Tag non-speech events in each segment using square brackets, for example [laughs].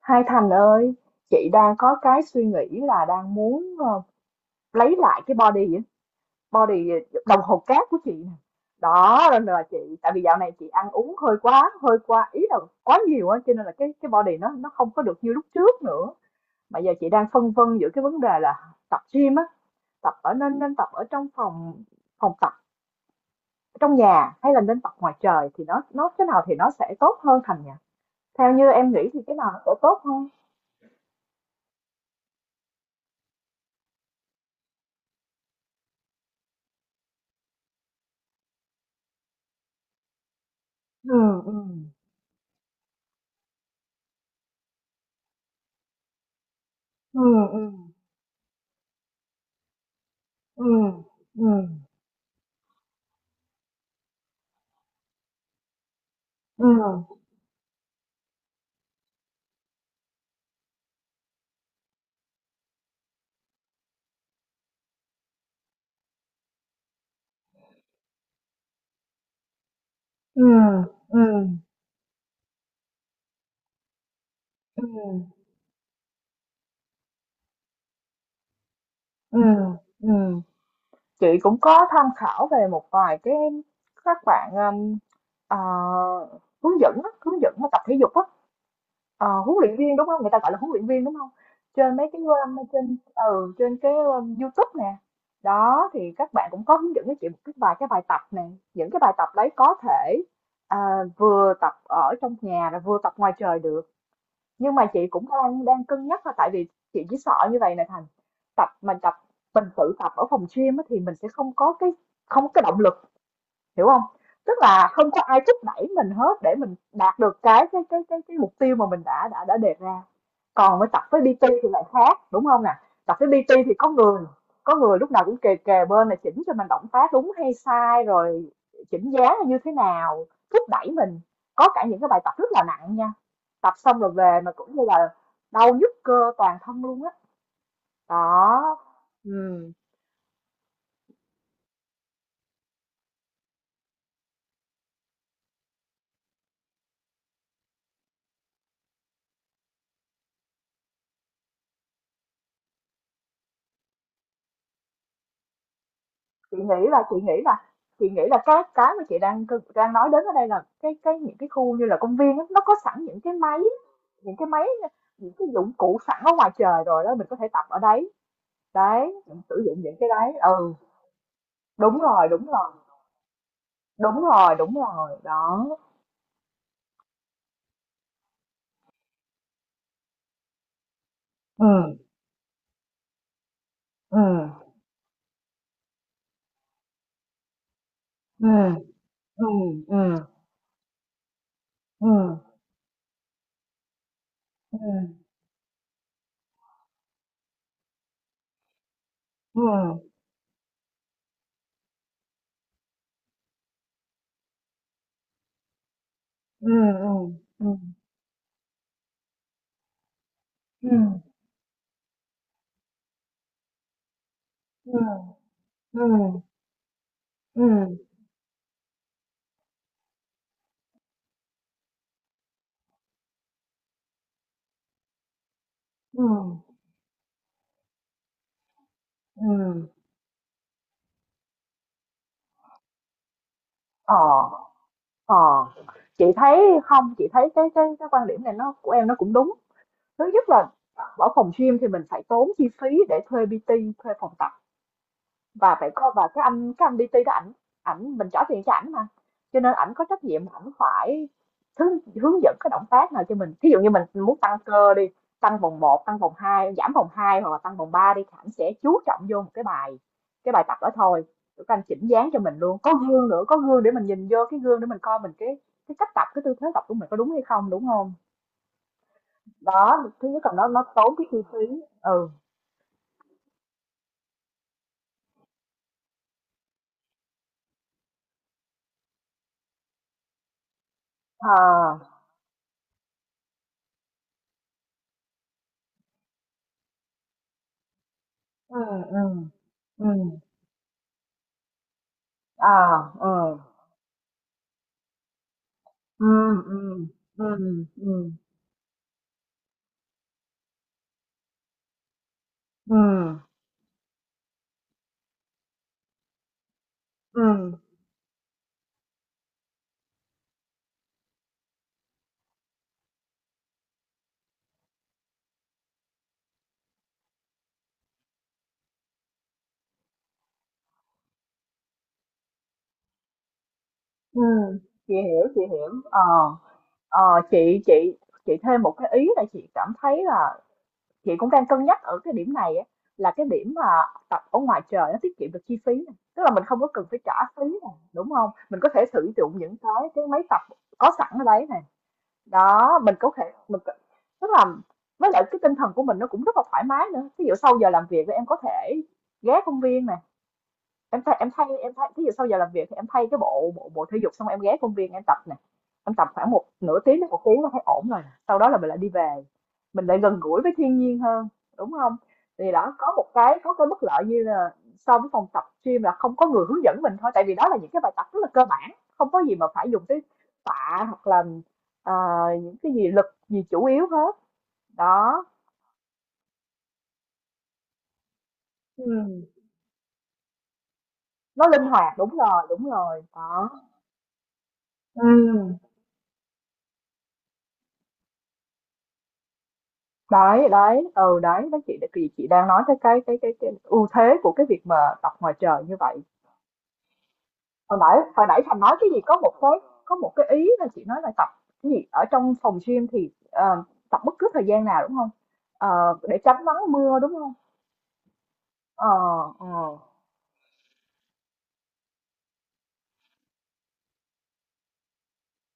Hai Thành ơi, chị đang có cái suy nghĩ là đang muốn lấy lại cái body á, body ờ, đồng hồ cát của chị nè. Đó nên là chị tại vì dạo này chị ăn uống hơi quá ý là quá nhiều á cho nên là cái body nó không có được như lúc trước nữa. Mà giờ chị đang phân vân giữa cái vấn đề là tập gym á, tập ở nên nên tập ở trong phòng phòng tập trong nhà hay là nên tập ngoài trời thì nó cái nào thì nó sẽ tốt hơn Thành nhỉ? Theo như em nghĩ thì cái nào nó sẽ tốt hơn? Ừ, ừ. Ừ, ừ. Ừ, ừ, ừ, ừ, ừ, ừ, ừ, ừm. Chị cũng có tham khảo về một vài cái các bạn à, hướng dẫn á, hướng dẫn mà tập thể dục á, ờ, huấn luyện viên đúng không? Người ta gọi là huấn luyện viên đúng không? Trên mấy cái trên trên cái YouTube nè. Đó thì các bạn cũng có hướng dẫn cho chị một cái vài cái bài tập nè. Những cái bài tập đấy có thể à, vừa tập ở trong nhà rồi vừa tập ngoài trời được nhưng mà chị cũng đang đang cân nhắc thôi tại vì chị chỉ sợ như vậy này Thành, tập mà tập mình tự tập ở phòng gym á, thì mình sẽ không có cái động lực, hiểu không, tức là không có ai thúc đẩy mình hết để mình đạt được cái mục tiêu mà mình đã đề ra, còn với tập với PT thì lại khác, đúng không nè? Tập với PT thì có người lúc nào cũng kề kề bên là chỉnh cho mình động tác đúng hay sai, rồi chỉnh dáng là như thế nào, thúc đẩy mình. Có cả những cái bài tập rất là nặng nha, tập xong rồi về mà cũng như là đau nhức cơ toàn thân luôn á. Đó, ừm. chị nghĩ là chị nghĩ là chị nghĩ là cái mà chị đang đang nói đến ở đây là cái những cái khu như là công viên á, nó có sẵn những cái máy, những cái máy những cái dụng cụ sẵn ở ngoài trời rồi đó, mình có thể tập ở đấy, đấy mình sử dụng những cái đấy. Ừ, đúng rồi đúng rồi đúng rồi, đúng rồi đó. Ừ, ừ, ừ, ừ, ừ, ừ, ừ, ừ, ừ, ừ, ừ, ừ, ừ, ừ, ừ, ừ, ừ, ừ, ờ. Ờ, chị thấy không, chị thấy cái quan điểm này nó của em nó cũng đúng. Thứ nhất là ở phòng gym thì mình phải tốn chi phí để thuê PT, thuê phòng tập và phải coi và cái anh đi đó, ảnh, ảnh mình trả tiền cho ảnh mà, cho nên ảnh có trách nhiệm, ảnh phải hướng, hướng dẫn cái động tác nào cho mình, thí dụ như mình muốn tăng cơ đi, tăng vòng một, tăng vòng hai, giảm vòng 2 hoặc là tăng vòng 3 đi, thì ảnh sẽ chú trọng vô một cái bài tập đó thôi, rồi các anh chỉnh dáng cho mình luôn, có gương nữa, có gương để mình nhìn vô cái gương để mình coi mình cái cách tập, cái tư thế tập của mình có đúng hay không, đúng không, đó. Thứ nhất là nó tốn cái chi phí. Ừ, à, ừ, ừ, ừ, à, ừ, ừ, ừ, ừ, ừ, ừ, ừ, ừ, chị hiểu, chị hiểu. Ờ, ờ, chị chị chị thêm một cái ý là chị cảm thấy là chị cũng đang cân nhắc ở cái điểm này á, là cái điểm mà tập ở ngoài trời nó tiết kiệm được chi phí này, tức là mình không có cần phải trả phí này, đúng không? Mình có thể sử dụng những cái máy tập có sẵn ở đấy này. Đó, mình có thể mình có- tức là với lại cái tinh thần của mình nó cũng rất là thoải mái nữa. Ví dụ sau giờ làm việc thì em có thể ghé công viên này, em thay cái gì sau giờ làm việc thì em thay cái bộ bộ bộ thể dục xong em ghé công viên em tập nè, em tập khoảng một nửa tiếng đến một tiếng là thấy ổn rồi, sau đó là mình lại đi về, mình lại gần gũi với thiên nhiên hơn, đúng không, thì đó có một cái, có cái bất lợi như là so với phòng tập gym là không có người hướng dẫn mình thôi, tại vì đó là những cái bài tập rất là cơ bản, không có gì mà phải dùng tới tạ hoặc là à, những cái gì lực gì chủ yếu hết. Đó. Ừ. Nó linh hoạt, đúng rồi đó. Ừ. đấy đấy ừ, đấy đó, chị thì chị đang nói tới cái ưu thế của cái việc mà tập ngoài trời như vậy. Hồi nãy Thành nói cái gì có một cái, có một cái ý là chị nói là tập cái gì ở trong phòng gym thì tập bất cứ thời gian nào đúng không. Ờ, để tránh nắng mưa đúng không. Ờ, ờ,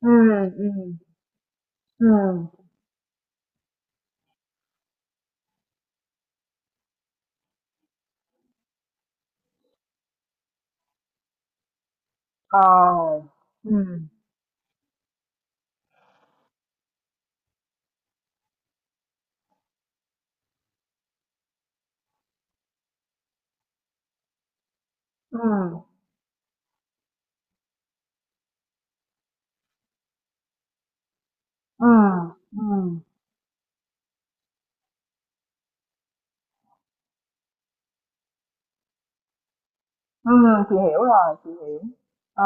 ừ, ừ, ừ, ờ, ừ, ừ, ừ, ừ, ừ, chị hiểu rồi chị hiểu. Ờ,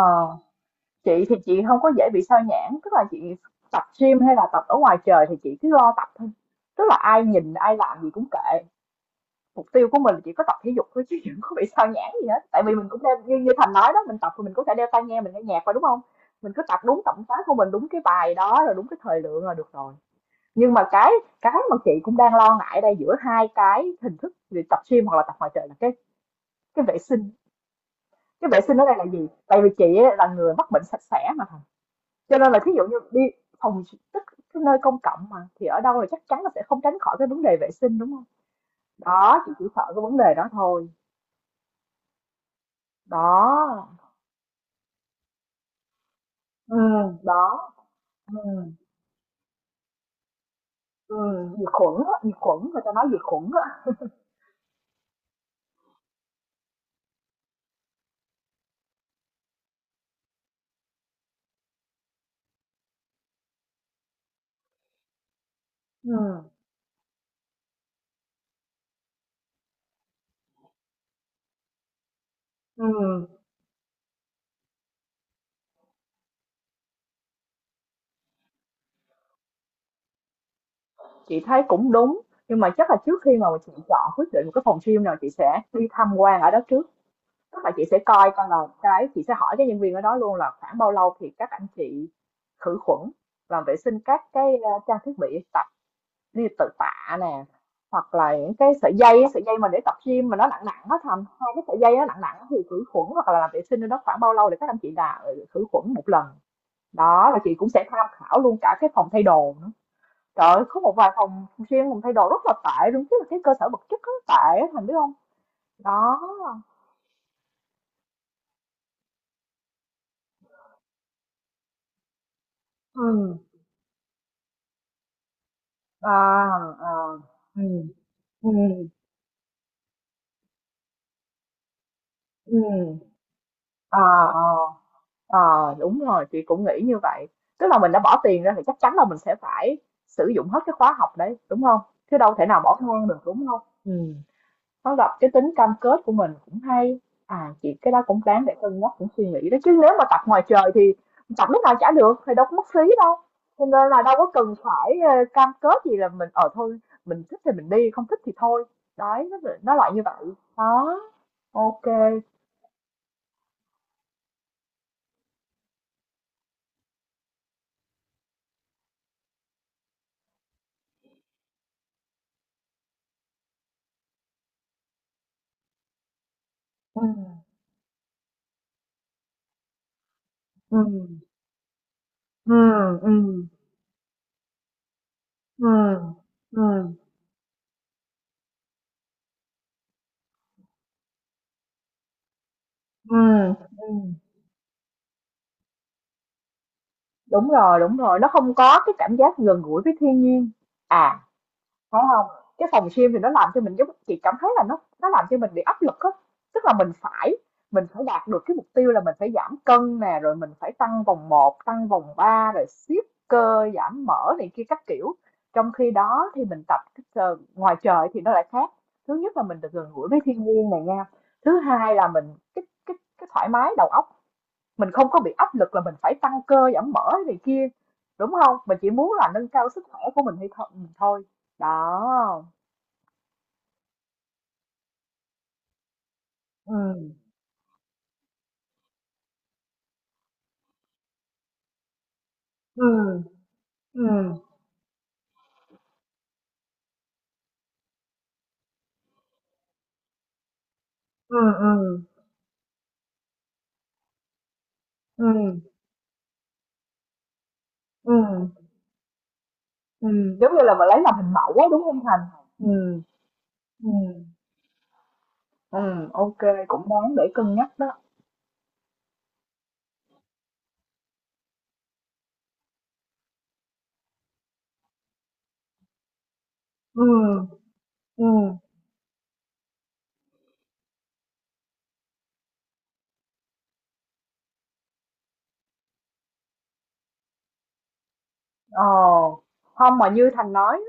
chị thì chị không có dễ bị sao nhãng, tức là chị tập gym hay là tập ở ngoài trời thì chị cứ lo tập thôi, tức là ai nhìn ai làm gì cũng kệ, mục tiêu của mình chỉ có tập thể dục thôi chứ [laughs] đừng có bị sao nhãng gì hết, tại vì mình cũng đeo như, như Thành nói đó, mình tập thì mình cũng sẽ đeo tai nghe, mình nghe nhạc vào, đúng không, mình cứ tập đúng động tác của mình, đúng cái bài đó rồi đúng cái thời lượng là được rồi. Nhưng mà cái mà chị cũng đang lo ngại đây giữa hai cái hình thức về tập gym hoặc là tập ngoài trời là cái vệ sinh. Cái vệ sinh ở đây là gì, tại vì chị á, là người mắc bệnh sạch sẽ mà, cho nên là thí dụ như đi phòng tức cái nơi công cộng mà, thì ở đâu là chắc chắn là sẽ không tránh khỏi cái vấn đề vệ sinh, đúng không? Đó, chị chỉ sợ cái vấn đề đó thôi. Đó, đó, ừm, diệt khuẩn á, diệt khuẩn, người ta nói diệt khuẩn á. Ừm, ừm, chị thấy cũng đúng, nhưng mà chắc là trước khi mà chị chọn quyết định một cái phòng gym nào chị sẽ đi tham quan ở đó trước. Tức là chị sẽ coi coi là chị sẽ hỏi cái nhân viên ở đó luôn là khoảng bao lâu thì các anh chị khử khuẩn, làm vệ sinh các cái, a, trang thiết bị tập, đi tự tạ nè hoặc là những cái sợi dây á, sợi dây mà để tập gym mà nó nặng nặng á, thành hai cái sợi dây nó nặng nặng, thì khử khuẩn hoặc là làm vệ sinh nó khoảng bao lâu để các anh chị là ừ, khử khuẩn một lần. Đó, và chị cũng sẽ tham khảo luôn cả cái phòng thay đồ nữa, trời ơi, có một vài phòng riêng, phòng thay đồ rất là tệ luôn chứ, là cái cơ sở vật chất rất tệ á, Thành biết không, đó. Ừ, à, à, ừ, ừ, ừ, à, à. Ờ, đúng rồi, chị cũng nghĩ như vậy. Tức là mình đã bỏ tiền ra thì chắc chắn là mình sẽ phải sử dụng hết cái khóa học đấy, đúng không? Chứ đâu thể nào bỏ ngang được, đúng không? Ừ. Nó gặp cái tính cam kết của mình cũng hay. À, chị cái đó cũng đáng để cân nhắc, cũng suy nghĩ đấy. Chứ nếu mà tập ngoài trời thì tập lúc nào chả được, thì đâu có mất phí đâu. Cho nên là đâu có cần phải cam kết gì là mình ở thôi, mình thích thì mình đi, không thích thì thôi. Đấy, nó loại như vậy. Đó, ok. Ừ. Ừ. Ừ. Ừ. Ừ, ừ, ừ, ừm, đúng rồi, nó không có cái cảm giác gần gũi với thiên nhiên. À, phải không. Cái phòng gym thì nó làm cho mình giống chị cảm thấy là nó làm cho mình bị áp lực á, tức là mình phải đạt được cái mục tiêu là mình phải giảm cân nè, rồi mình phải tăng vòng một, tăng vòng 3 rồi siết cơ, giảm mỡ này kia các kiểu. Trong khi đó thì mình tập cái t ngoài trời thì nó lại khác, thứ nhất là mình được gần gũi với thiên nhiên này nha, thứ hai là mình cái thoải mái đầu óc, mình không có bị áp lực là mình phải tăng cơ giảm mỡ này kia, đúng không, mình chỉ muốn là nâng cao sức khỏe của mình hay thôi, mình thôi. Đó. Ừ, ừ, ừ, ừ, ừ, ừ, ừ, ừ, giống như là mình lấy làm hình mẫu á đúng không Thành. Ừ, ừ, ừ, ok, cũng đáng để cân nhắc đó. Ừ, ừ, ờ, không mà như Thành nói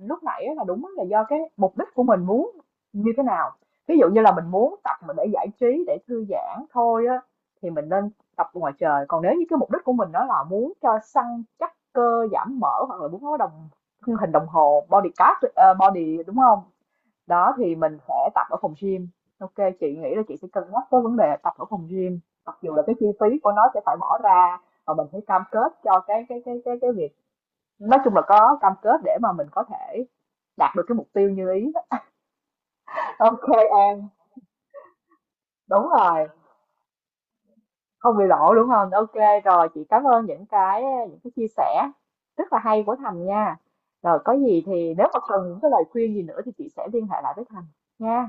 lúc nãy là đúng là do cái mục đích của mình muốn như thế nào. Ví dụ như là mình muốn tập mà để giải trí, để thư giãn thôi á, thì mình nên tập ngoài trời. Còn nếu như cái mục đích của mình đó là muốn cho săn chắc cơ, giảm mỡ hoặc là muốn có đồng hình, đồng hồ body card, ờ, body đúng không. Đó, thì mình sẽ tập ở phòng gym. OK, chị nghĩ là chị sẽ cân nhắc cái vấn đề tập ở phòng gym, mặc dù là cái chi phí của nó sẽ phải bỏ ra và mình phải cam kết cho cái việc, nói chung là có cam kết để mà mình có thể đạt được cái mục tiêu như ý. Ok An, đúng rồi, không bị lộ đúng không, ok rồi, chị cảm ơn những cái chia sẻ rất là hay của Thành nha, rồi có gì thì nếu mà cần những cái lời khuyên gì nữa thì chị sẽ liên hệ lại với Thành nha.